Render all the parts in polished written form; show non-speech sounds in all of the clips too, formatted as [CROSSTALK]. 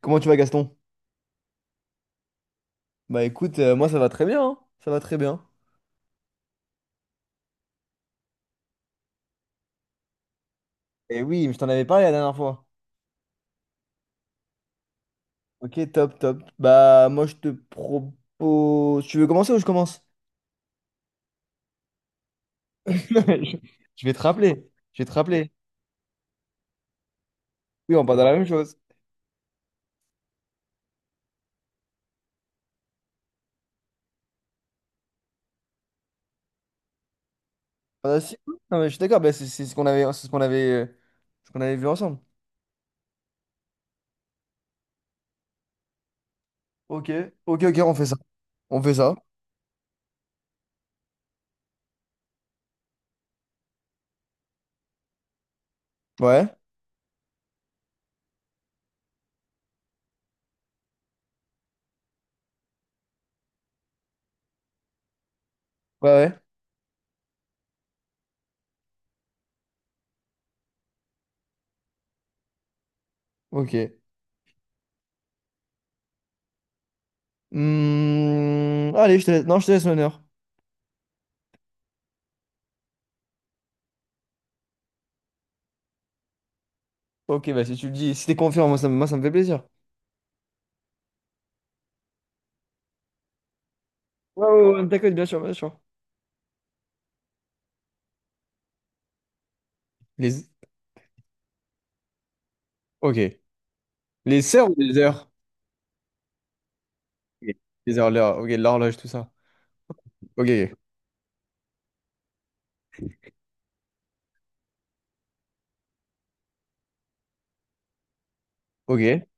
Comment tu vas, Gaston? Bah écoute, moi ça va très bien, hein. Ça va très bien. Et oui, je t'en avais parlé la dernière fois. Ok, top, top. Bah moi je te propose... Tu veux commencer ou je commence? [LAUGHS] Je je vais te rappeler. Je vais te rappeler. Oui, on parle de la même chose. Ah, si. Non, mais je suis d'accord, bah, c'est ce qu'on avait, ce qu'on avait vu ensemble. Ok, ok, ok, on fait ça. On fait ça. Ouais, ouais, ouais. Ok. Hmm, allez, je te laisse. Non, je te laisse l'honneur. Ok, bah si tu le dis, si t'es confiant, moi, ça me fait plaisir. Ouais, ouais, ouais, d'accord, bien sûr, bien sûr. Les... Ok. Les sœurs ou les heures? Ok. Les heures, l'heure. Ok, l'horloge, tout ça. Ok. Ok. Ok.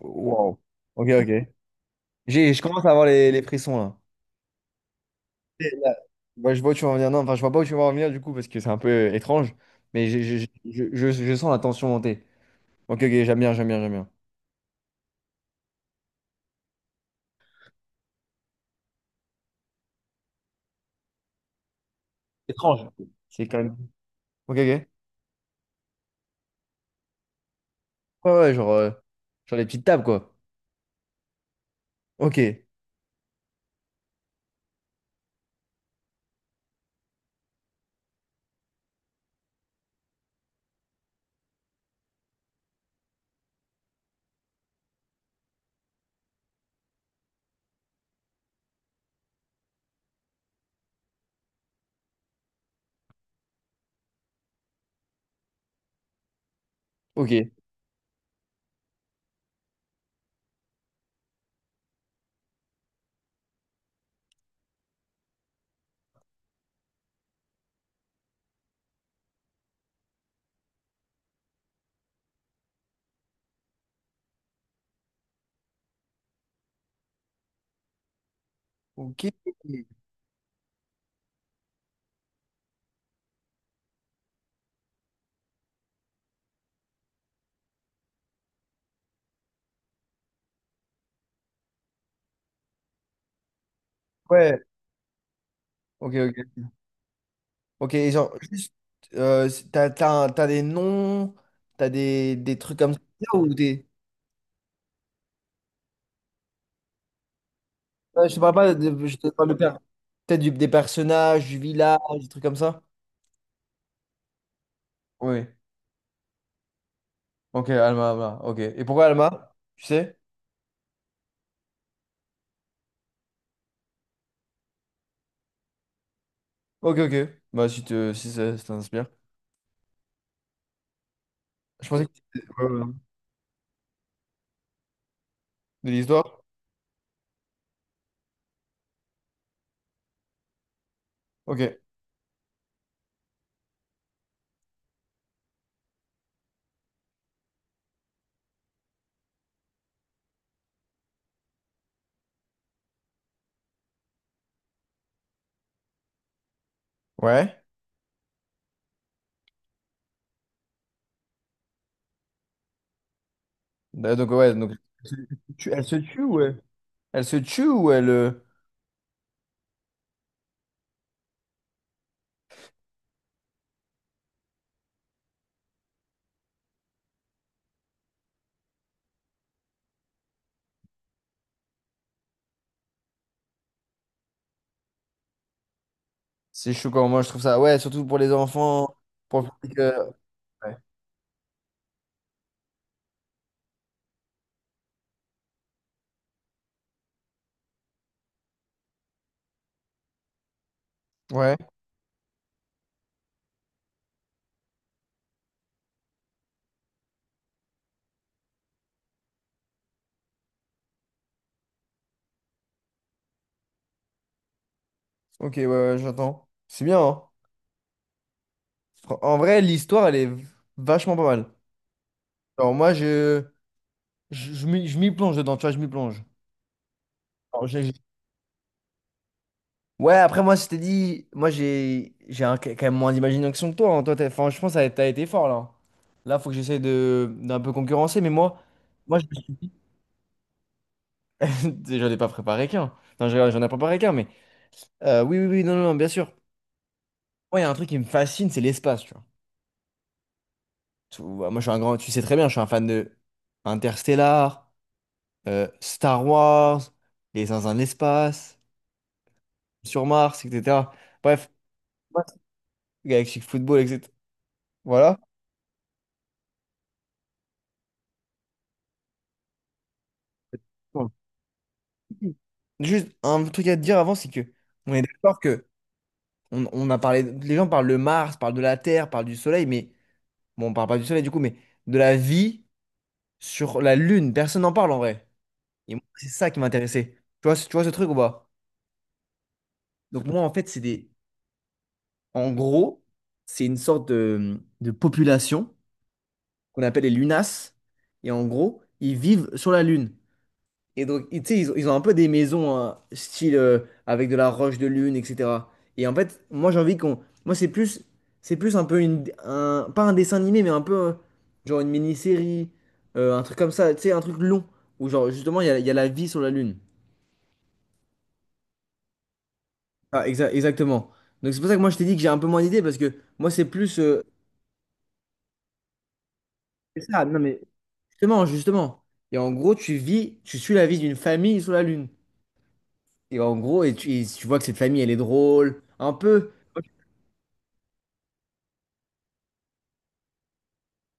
Wow. Ok, ok. Je commence à avoir les frissons là. Et là, bah, je vois où tu vas en venir. Non, enfin, je vois pas où tu vas en venir du coup parce que c'est un peu étrange. Mais je sens la tension monter. Ok, ok, j'aime bien, j'aime bien, j'aime bien. Étrange. C'est quand même. Ok, ok. Ouais, ouais, genre, genre les petites tables quoi. Ok. Ok. Ok. Ouais. Ok, ok. Ok, et genre, juste, t'as, t'as des noms, t'as des trucs comme ça, ou des... Ouais, je te parle pas, de, je te parle de per- peut-être des personnages, du village, des trucs comme ça. Oui. Ok, Alma, Alma. Ok. Et pourquoi Alma? Tu sais? Ok, ok. Bah, si, te, si ça t'inspire. Je pensais que c'était ouais, ouais. De l'histoire. Ok. Ouais. Donc, ouais. Donc, elle se elle se tue ou elle... elle se tue ou elle. euh, C'est choquant. Moi, je trouve ça. Ouais, surtout pour les enfants. Pour le public, ouais. Ouais. Ok, ouais, ouais, j'entends. C'est bien, hein. En vrai, l'histoire, elle est vachement pas mal. Alors moi, je m'y plonge dedans, tu vois, je m'y plonge. Alors, ouais, après, moi, je t'ai dit, moi, j'ai quand même moins d'imagination que toi, hein. Toi, enfin, je pense que t'as été fort, là. Là, faut que j'essaie de d'un peu concurrencer, mais moi, moi, je me suis dit- [LAUGHS] j'en ai pas préparé qu'un. Non, je rigole, j'en ai préparé qu'un, mais... oui, oui, oui, non, non, non, bien sûr. Moi, il y a un truc qui me fascine, c'est l'espace, tu vois. Moi, je suis un grand... Tu sais très bien, je suis un fan de Interstellar, Star Wars, les uns dans l'espace, sur Mars, etc. Bref, ouais. Galactic Football, etc. Voilà. Ouais. Juste un truc à te dire avant, c'est que on est d'accord que on a parlé, les gens parlent de Mars, parlent de la Terre, parlent du Soleil, mais bon, on parle pas du Soleil du coup, mais de la vie sur la Lune, personne n'en parle en vrai. Et moi, c'est ça qui m'intéressait. Tu vois, tu vois ce truc ou pas? Donc moi, en fait, en gros, c'est une sorte de population qu'on appelle les lunas. Et en gros, ils vivent sur la Lune. Et donc, tu sais, ils ont un peu des maisons style avec de la roche de lune, etc. Et en fait, moi, j'ai envie qu'on. Moi, c'est plus un peu pas un dessin animé, mais un peu genre une mini-série, un truc comme ça, tu sais, un truc long où genre justement il y a la vie sur la Lune. Ah, exactement. Donc c'est pour ça que moi je t'ai dit que j'ai un peu moins d'idées parce que moi c'est plus c'est ça. Non mais justement, justement. Et en gros, tu suis la vie d'une famille sur la Lune. Et en gros, et tu vois que cette famille, elle est drôle, un peu.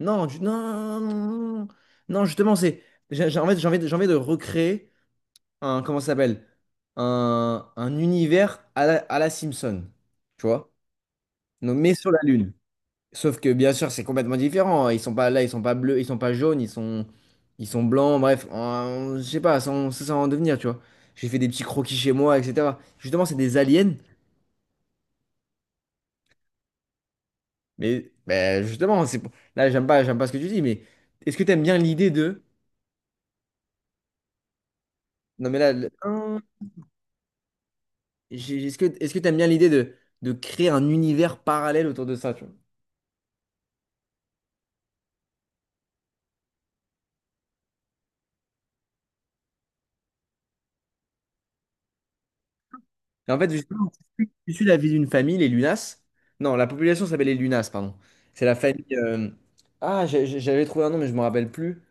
Non, du- non, non, non, non, non. Justement, c'est. J'ai envie, j'ai envie de recréer un. Comment ça s'appelle? Un univers à la Simpson. Tu vois? Donc, mais sur la Lune. Sauf que, bien sûr, c'est complètement différent, hein. Ils sont pas là, ils sont pas bleus, ils sont pas jaunes, ils sont blancs, bref. Je sais pas, ça, ça, ça va en devenir, tu vois. J'ai fait des petits croquis chez moi, etc. Justement, c'est des aliens. Mais ben, justement, là, j'aime pas ce que tu dis, mais est-ce que tu aimes bien l'idée de... Non, mais là, hein, est-ce que tu aimes bien l'idée de créer un univers parallèle autour de ça, tu vois? Et en fait, justement, tu suis la vie d'une famille, les Lunas. Non, la population s'appelle les Lunas, pardon. C'est la famille... ah, j'avais trouvé un nom, mais je me rappelle plus.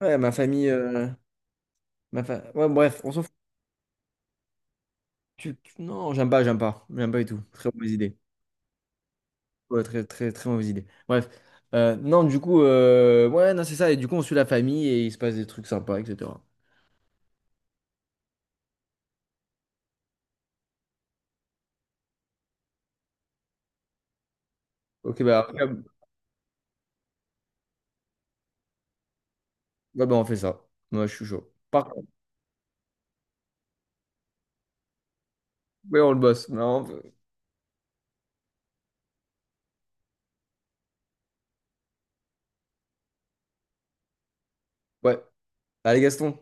Ouais, ma famille... ouais, bref, on s'en fout. Non, j'aime pas, j'aime pas. J'aime pas du tout. Très mauvaise idée. Ouais, très, très, très mauvaise idée. Bref. Non, du coup, ouais, non, c'est ça. Et du coup, on suit la famille et il se passe des trucs sympas, etc. Ok, bah, après, ouais, bah, on fait ça. Moi, je suis chaud. Par contre, ouais, on le bosse. Non, on peut- ouais. Allez, Gaston.